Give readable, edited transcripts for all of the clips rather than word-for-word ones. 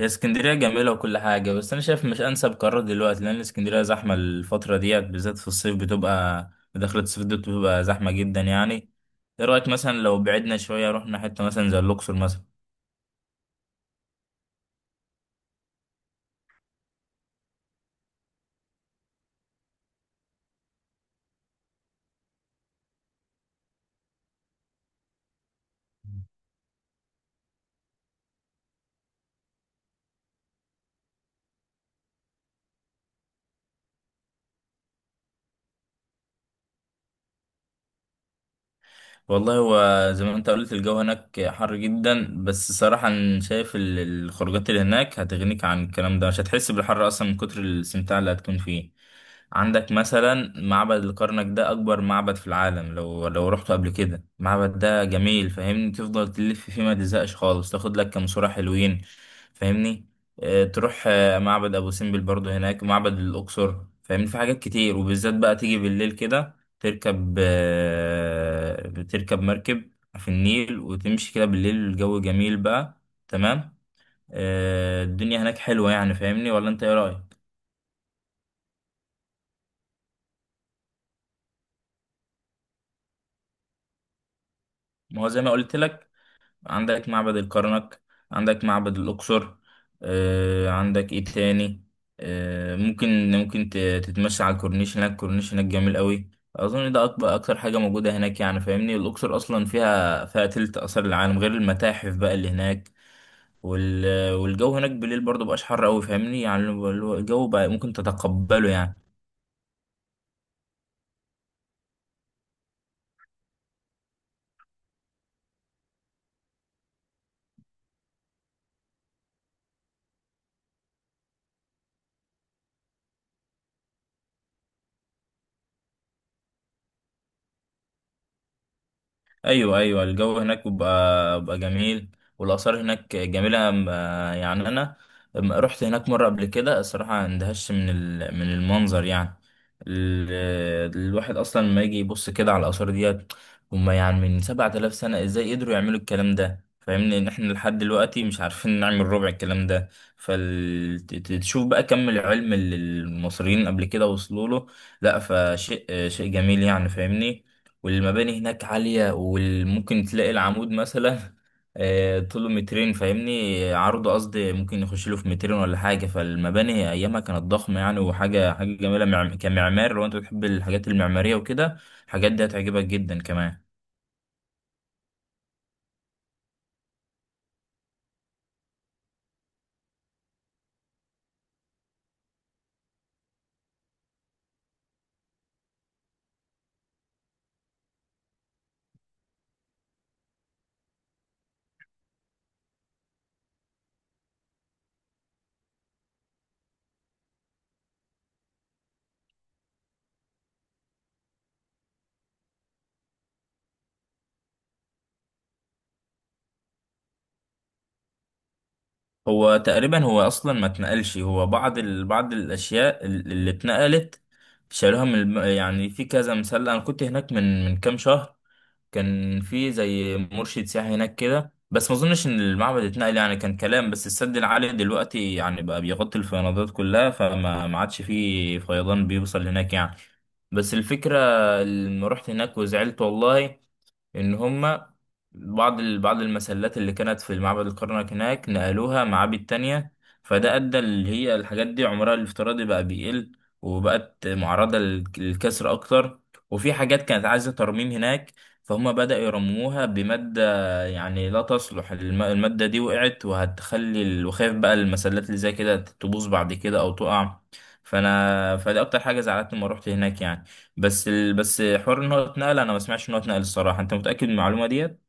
هي اسكندرية جميلة وكل حاجة، بس أنا شايف مش أنسب قرار دلوقتي لأن اسكندرية زحمة الفترة ديت بالذات في الصيف، بتبقى دخلة الصيف دي بتبقى زحمة جدا يعني. إيه رأيك مثلا لو بعدنا شوية رحنا حتة مثلا زي الأقصر مثلا؟ والله هو زي ما انت قلت الجو هناك حر جدا، بس صراحة انا شايف الخروجات اللي هناك هتغنيك عن الكلام ده، مش هتحس بالحر اصلا من كتر الاستمتاع اللي هتكون فيه. عندك مثلا معبد الكرنك، ده اكبر معبد في العالم. لو رحته قبل كده، المعبد ده جميل. فاهمني؟ تفضل تلف فيه ما تزهقش خالص، تاخد لك كام صورة حلوين. فاهمني؟ اه تروح معبد ابو سمبل، برضه هناك معبد الاقصر. فاهمني؟ في حاجات كتير، وبالذات بقى تيجي بالليل كده، تركب آه، بتركب مركب في النيل وتمشي كده بالليل، الجو جميل بقى. تمام. الدنيا هناك حلوة يعني. فاهمني؟ ولا انت ايه رأيك؟ ما هو زي ما قلت لك، عندك معبد الكرنك، عندك معبد الأقصر. عندك ايه تاني؟ ممكن تتمشى على الكورنيش، هناك الكورنيش هناك جميل قوي. اظن ده اكبر اكتر حاجه موجوده هناك يعني. فاهمني؟ الاقصر اصلا فيها تلت اثار العالم، غير المتاحف بقى اللي هناك. والجو هناك بالليل برضه مبقاش حر قوي. فاهمني يعني؟ اللي هو الجو بقى ممكن تتقبله يعني. ايوه، ايوه، الجو هناك بيبقى جميل. والاثار هناك جميله. يعني انا رحت هناك مره قبل كده. الصراحه اندهشت من المنظر يعني. الواحد اصلا لما يجي يبص كده على الاثار ديت. هم يعني من 7000 سنه، ازاي قدروا يعملوا الكلام ده؟ فاهمني ان احنا لحد دلوقتي مش عارفين نعمل ربع الكلام ده. فتشوف بقى كم العلم اللي المصريين قبل كده وصلوا له. لا، فشيء شيء جميل يعني. فاهمني؟ والمباني هناك عالية، وممكن تلاقي العمود مثلا طوله مترين. فاهمني؟ عرضه قصدي، ممكن يخش له في مترين ولا حاجة. فالمباني أيامها كانت ضخمة يعني، وحاجة حاجة جميلة كمعمار. لو أنت بتحب الحاجات المعمارية وكده، الحاجات دي هتعجبك جدا كمان. هو تقريبا هو أصلا ما اتنقلش، هو بعض الأشياء اللي اتنقلت شالوها من يعني، في كذا مثال. أنا كنت هناك من كام شهر، كان في زي مرشد سياحي هناك كده، بس ما اظنش ان المعبد اتنقل يعني، كان كلام بس. السد العالي دلوقتي يعني بقى بيغطي الفيضانات كلها، فما ما عادش فيه فيضان بيوصل هناك يعني. بس الفكرة لما رحت هناك وزعلت والله، ان هما بعض المسلات اللي كانت في معبد الكرنك هناك نقلوها معابد تانية. فده ادى اللي هي الحاجات دي عمرها الافتراضي بقى بيقل، وبقت معرضة للكسر اكتر. وفي حاجات كانت عايزة ترميم هناك، فهم بدأوا يرموها بمادة يعني لا تصلح. المادة دي وقعت وهتخلي وخايف بقى المسلات اللي زي كده تبوظ بعد كده او تقع. فانا فدي اكتر حاجة زعلتني لما روحت هناك يعني. بس حوار ان هو اتنقل، انا ما سمعتش ان هو اتنقل الصراحه. انت متاكد من المعلومه ديت؟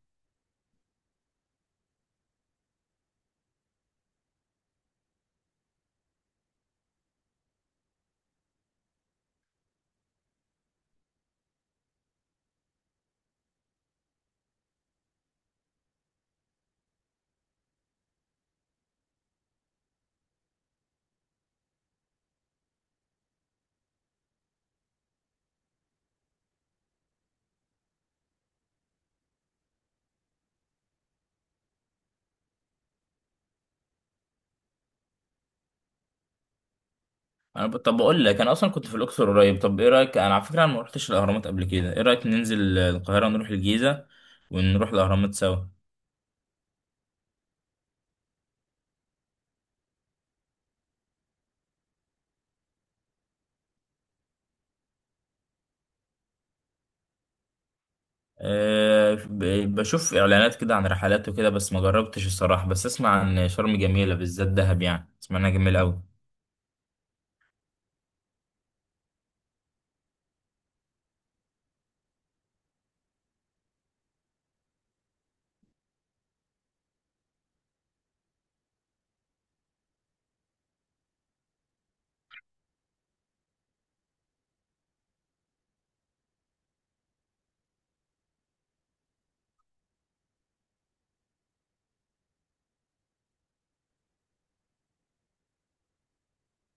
طب بقول لك، انا اصلا كنت في الاقصر قريب. طب ايه رايك، انا على فكره انا ما رحتش الاهرامات قبل كده، ايه رايك ننزل القاهره ونروح الجيزه ونروح الاهرامات سوا؟ أه... ب... بشوف اعلانات كده عن رحلات وكده، بس ما جربتش الصراحه، بس اسمع عن شرم جميله، بالذات دهب يعني، اسمع انها جميله قوي.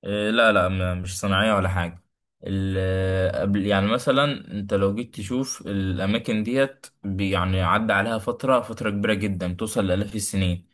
إيه، لا، لا، مش صناعية ولا حاجة. قبل يعني مثلا انت لو جيت تشوف الأماكن ديت يعني عدى عليها فترة كبيرة جدا، توصل لآلاف السنين.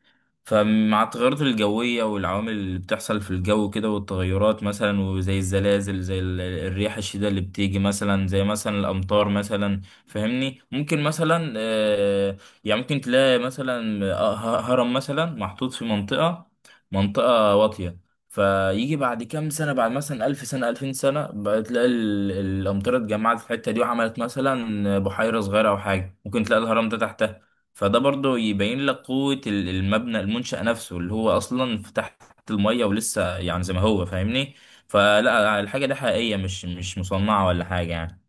فمع التغيرات الجوية والعوامل اللي بتحصل في الجو كده، والتغيرات مثلا وزي الزلازل، زي الرياح الشديدة اللي بتيجي مثلا، زي مثلا الأمطار مثلا. فاهمني، ممكن مثلا يعني ممكن تلاقي مثلا هرم مثلا محطوط في منطقة واطية، فيجي بعد كام سنة، بعد مثلا 1000 سنة 2000 سنة بقى، تلاقي الأمطار اتجمعت في الحتة دي، وعملت مثلا بحيرة صغيرة أو حاجة. ممكن تلاقي الهرم ده تحتها. فده برضه يبين لك قوة المبنى، المنشأ نفسه اللي هو أصلا في تحت المية ولسه يعني زي ما هو. فاهمني؟ فلا، الحاجة دي حقيقية، مش مصنعة ولا حاجة يعني.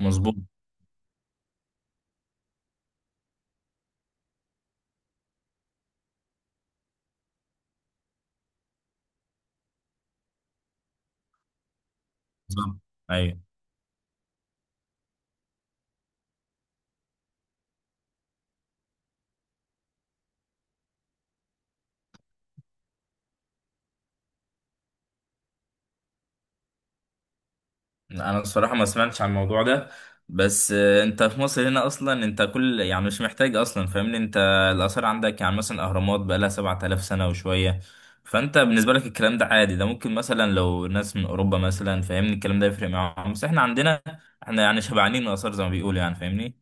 مظبوط بالظبط. أيوه. انا الصراحه ما سمعتش عن الموضوع ده، بس انت في مصر هنا اصلا، انت كل يعني مش محتاج اصلا. فاهمني؟ انت الاثار عندك، يعني مثلا الاهرامات بقى لها 7000 سنه وشويه، فانت بالنسبه لك الكلام ده عادي. ده ممكن مثلا لو ناس من اوروبا مثلا، فاهمني، الكلام ده يفرق معاهم، بس احنا عندنا، احنا يعني شبعانين من الاثار زي ما بيقولوا يعني. فاهمني؟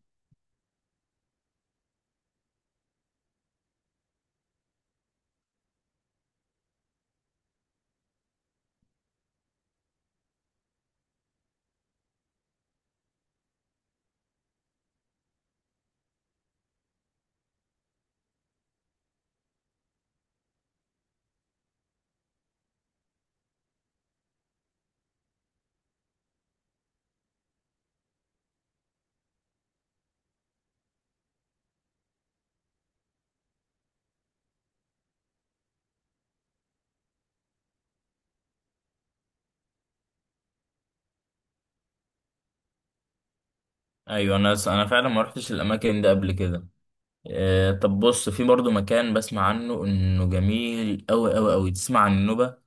ايوه، انا فعلا ما رحتش الاماكن دي قبل كده. طب بص، في برضو مكان بسمع عنه انه جميل قوي قوي قوي، تسمع عن النوبه؟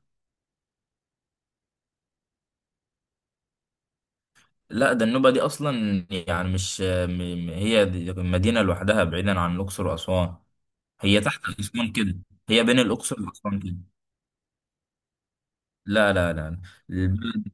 لا، ده النوبة دي أصلا يعني، مش هي دي مدينة لوحدها، بعيدا عن الأقصر وأسوان. هي تحت أسوان كده. هي بين الأقصر وأسوان كده. لا، لا، لا، البلد.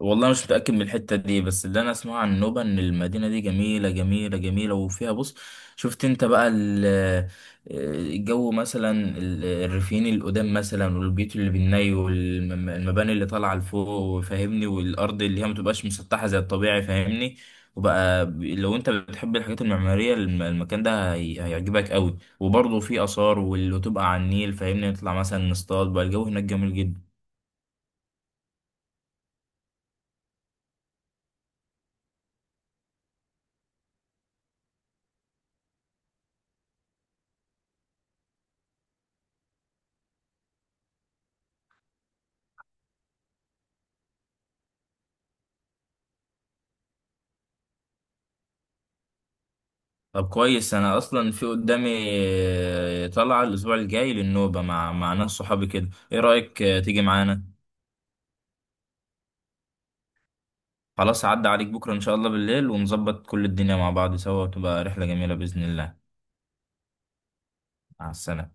والله مش متأكد من الحتة دي، بس اللي أنا أسمعه عن نوبة إن المدينة دي جميلة جميلة جميلة. وفيها بص، شفت أنت بقى الجو مثلا، الريفيين القدام مثلا، والبيوت اللي بالني، والمباني اللي طالعة لفوق. فاهمني؟ والأرض اللي هي متبقاش مسطحة زي الطبيعي. فاهمني؟ وبقى لو أنت بتحب الحاجات المعمارية، المكان ده هيعجبك قوي. وبرضه فيه آثار، واللي تبقى على النيل فاهمني، نطلع مثلا نصطاد بقى، الجو هناك جميل جدا. طب كويس، انا اصلا في قدامي طلعة الاسبوع الجاي للنوبة مع ناس صحابي كده، ايه رأيك تيجي معانا؟ خلاص عدى عليك بكرة ان شاء الله بالليل، ونظبط كل الدنيا مع بعض سوا، وتبقى رحلة جميلة بإذن الله. مع السلامة.